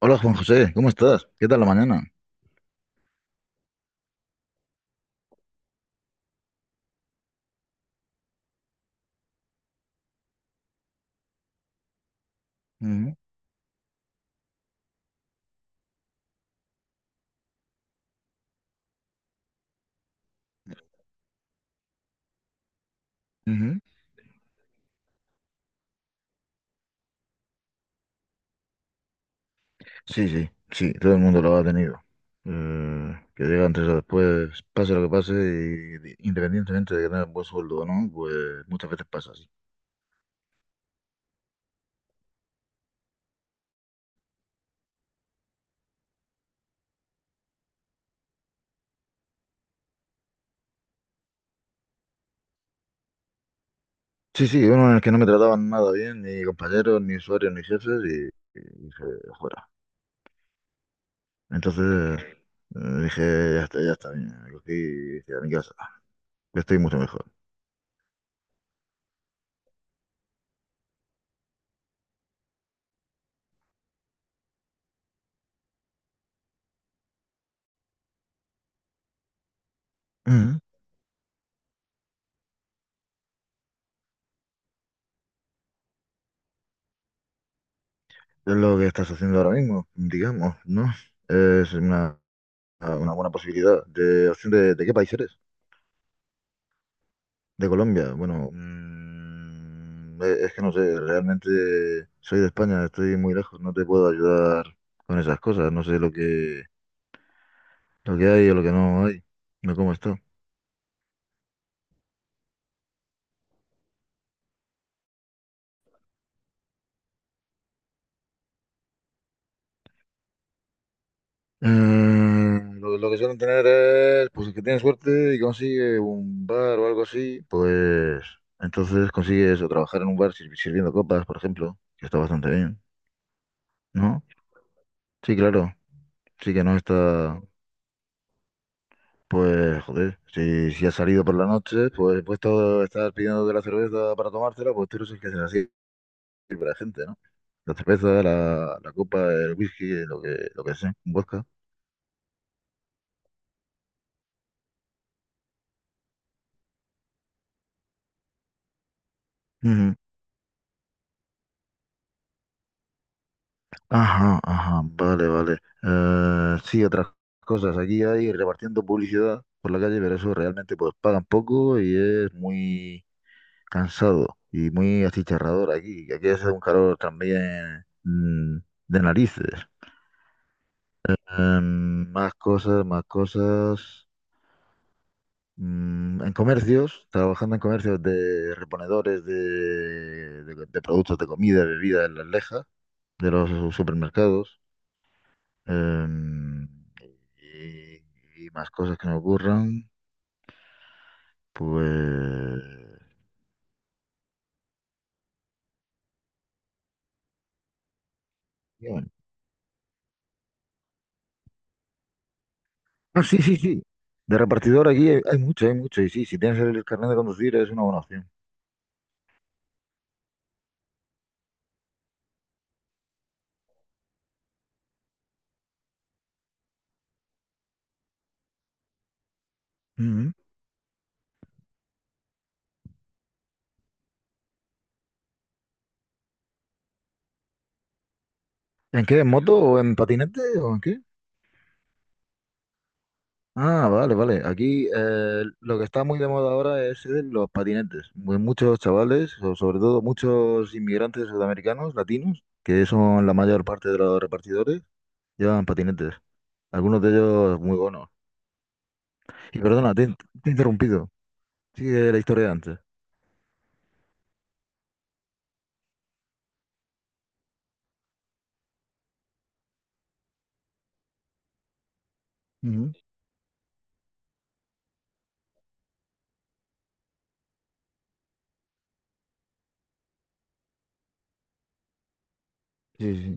Hola Juan José, ¿cómo estás? ¿Qué tal la mañana? Ujú, ujú. Sí, sí, sí, todo el mundo lo ha tenido. Que llega antes o después, pase lo que pase, y independientemente de que tengas buen sueldo o no, pues muchas veces pasa así. Sí, sí, uno en el que no me trataban nada bien, ni compañeros, ni usuarios, ni jefes, y dije, fuera. Entonces dije, ya está bien, me cogí y dije, a mi casa, que estoy mucho mejor. Ujú. Es lo que estás haciendo ahora mismo, digamos, ¿no? Es una... Ah, una buena posibilidad. De, opción ¿de qué país eres? De Colombia. Bueno, es que no sé, realmente soy de España, estoy muy lejos, no te puedo ayudar con esas cosas, no sé lo que hay o lo que no hay, no cómo está. Eh, lo que suelen tener es, pues el que tiene suerte y consigue un bar o algo así, pues entonces consigue eso, trabajar en un bar sirviendo copas, por ejemplo, que está bastante bien, ¿no? Sí, claro, sí que no está. Pues, joder, si has salido por la noche, pues puesto a estar pidiendo de la cerveza para tomártela, pues tú eres el que se la sirve a la gente, ¿no? La cerveza, la copa, el whisky, lo que sea, un vodka. Ujú. Ajá, ajá, vale, vale. Sí, otras cosas. Aquí hay repartiendo publicidad por la calle, pero eso realmente pues pagan poco y es muy cansado y muy achicharrador aquí. Aquí hace un calor también, de narices. Más cosas, más cosas. Mm, en comercios, trabajando en comercios de reponedores de, de productos de comida, bebida en las lejas de los supermercados. Em, y, y más cosas que me ocurran, pues... bien. Ah, sí, sí, sí. De repartidor aquí hay, hay mucho, hay mucho. Y sí, si tienes el carnet de conducir es una buena opción. Ujú. ¿En qué? ¿En moto o en patinete o en qué? Ah, vale, vale. Aquí lo que está muy de moda ahora es, los patinetes. Muchos chavales, o sobre todo muchos inmigrantes sudamericanos, latinos, que son la mayor parte de los repartidores, llevan patinetes. Algunos de ellos muy buenos. Y perdona, te, te he interrumpido. Sigue la historia de antes. Ujú. Sí, sí.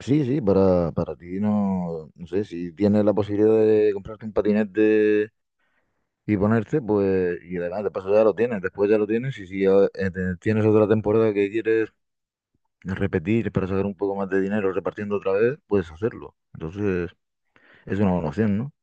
Sí, sí, para ti no, no sé, si tienes la posibilidad de comprarte un patinete y ponerte, pues, y además de paso ya lo tienes, después ya lo tienes, y si tienes otra temporada que quieres repetir para sacar un poco más de dinero repartiendo otra vez, puedes hacerlo. Entonces, es una buena opción, ¿no?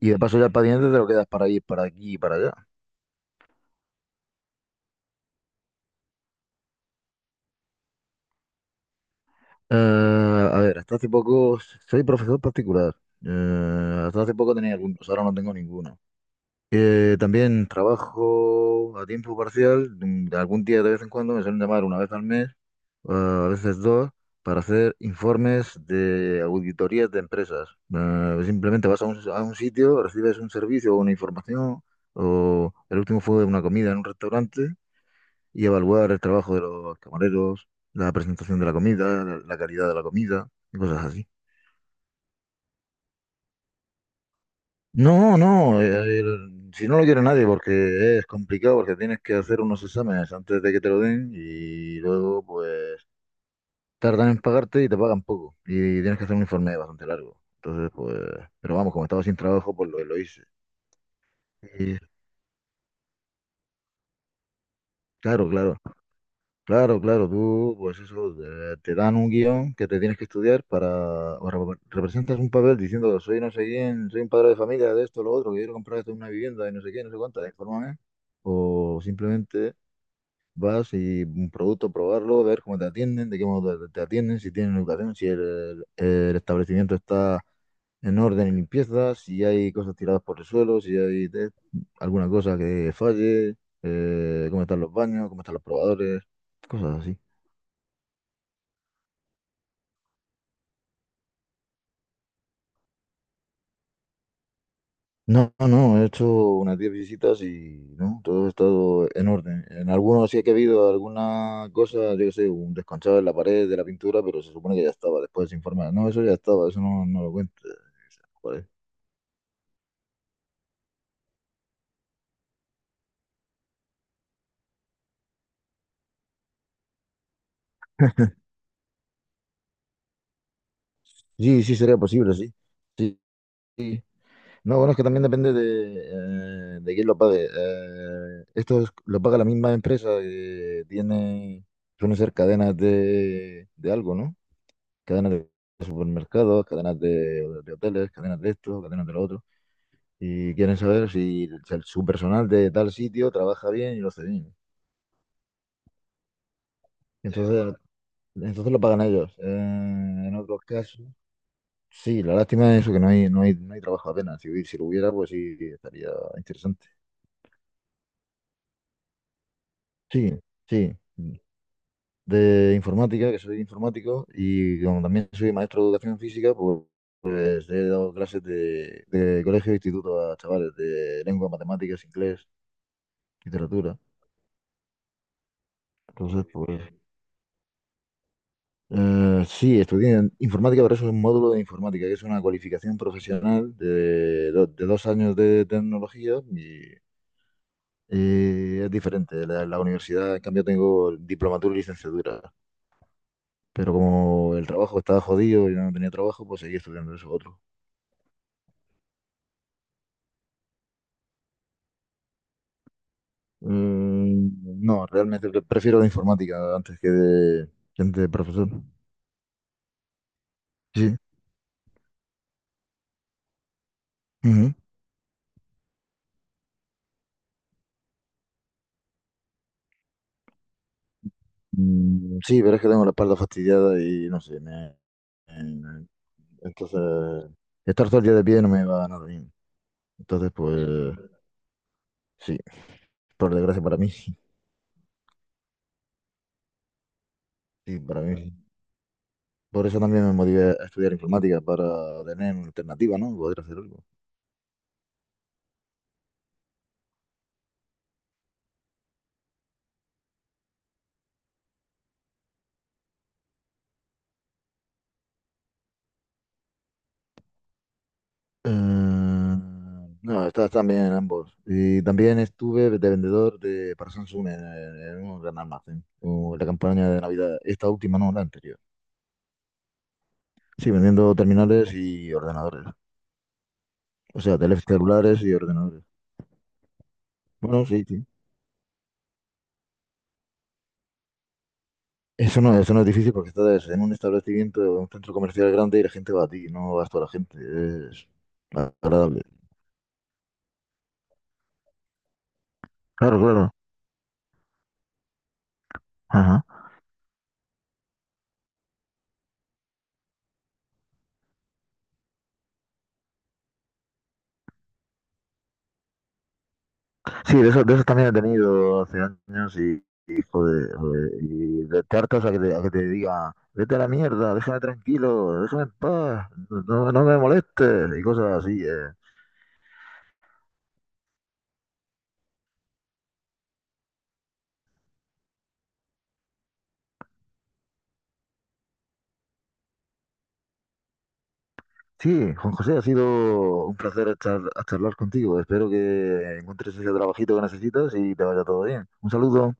Y de paso ya el patinete te lo quedas para ir para aquí y para allá. A ver, hasta hace poco soy profesor particular. Hasta hace poco tenía algunos, ahora no tengo ninguno. También trabajo a tiempo parcial. Algún día de vez en cuando me suelen llamar una vez al mes, a veces dos, para hacer informes de auditorías de empresas. Simplemente vas a un sitio, recibes un servicio o una información, o el último fue una comida en un restaurante, y evaluar el trabajo de los camareros, la presentación de la comida, la calidad de la comida, y cosas así. No, no, si no lo quiere nadie porque es complicado, porque tienes que hacer unos exámenes antes de que te lo den y luego pues tardan en pagarte y te pagan poco. Y tienes que hacer un informe bastante largo. Entonces, pues, pero vamos, como estaba sin trabajo, pues lo hice. Y claro, claro, claro, claro, tú, pues eso, te dan un guión que te tienes que estudiar para, o representas un papel diciendo, soy no sé quién, soy un padre de familia, de esto, lo otro, que quiero comprar esto, una vivienda y no sé qué, no sé cuánta, infórmame. O simplemente vas y un producto, probarlo, ver cómo te atienden, de qué modo te atienden, si tienen educación, si el establecimiento está en orden y limpieza, si hay cosas tiradas por el suelo, si hay alguna cosa que falle, cómo están los baños, cómo están los probadores, cosas así. No, no, no, he hecho unas 10 visitas y no, todo ha estado en orden. En algunos sí que ha habido alguna cosa, yo qué sé, un desconchado en la pared de la pintura, pero se supone que ya estaba después se informa. No, eso ya estaba, eso no, no lo cuento. Joder. Sí, sí, sería posible, sí. Sí, no, bueno, es que también depende de quién lo pague. Lo paga la misma empresa que tiene, suelen ser cadenas de algo, ¿no? Cadenas de supermercados, cadenas de hoteles, cadenas de esto, cadenas de lo otro. Y quieren saber si, su personal de tal sitio trabaja bien y lo hace bien. Entonces, entonces lo pagan ellos. En otros casos, sí, la lástima es eso, que no hay, no hay, no hay trabajo apenas. Si, si lo hubiera, pues sí, estaría interesante. Sí, sí. De informática, que soy informático, y como también soy maestro de educación física, pues, pues he dado clases de colegio e instituto a chavales de lengua, matemáticas, inglés, literatura. Entonces, pues sí, estudié en informática, pero eso es un módulo de informática, que es una cualificación profesional de, de 2 años de tecnología y es diferente. La universidad, en cambio, tengo diplomatura y licenciatura. Pero como el trabajo estaba jodido y no tenía trabajo, pues seguí estudiando eso otro. Mm, no, realmente prefiero la informática antes que de profesor. Sí. Ujú. Mm, sí, pero es que tengo la espalda fastidiada y no sé, me- entonces estar todo el día de pie no me va a nada bien. Entonces, pues sí, por desgracia para mí, sí, para mí. Sí. Por eso también me motivé a estudiar informática, para tener una alternativa, ¿no? Poder hacer algo. Eh, no, estas también en ambos. Y también estuve de vendedor de, para Samsung en un gran almacén, o la campaña de Navidad, esta última, no, la anterior. Sí, vendiendo terminales y ordenadores. O sea, teléfonos celulares y ordenadores. Bueno, sí, sí. Eso no es difícil porque estás en un establecimiento, en un centro comercial grande y la gente va a ti, no vas tú a la gente. Es agradable. Claro, claro. Ajá. Sí, de esos también he tenido hace años y, joder, joder, y de te hartas a que te diga, vete a la mierda, déjame tranquilo, déjame en paz, no, no me molestes y cosas así. Sí, Juan José, ha sido un placer a charlar contigo. Espero que encuentres ese trabajito que necesitas y te vaya todo bien. Un saludo.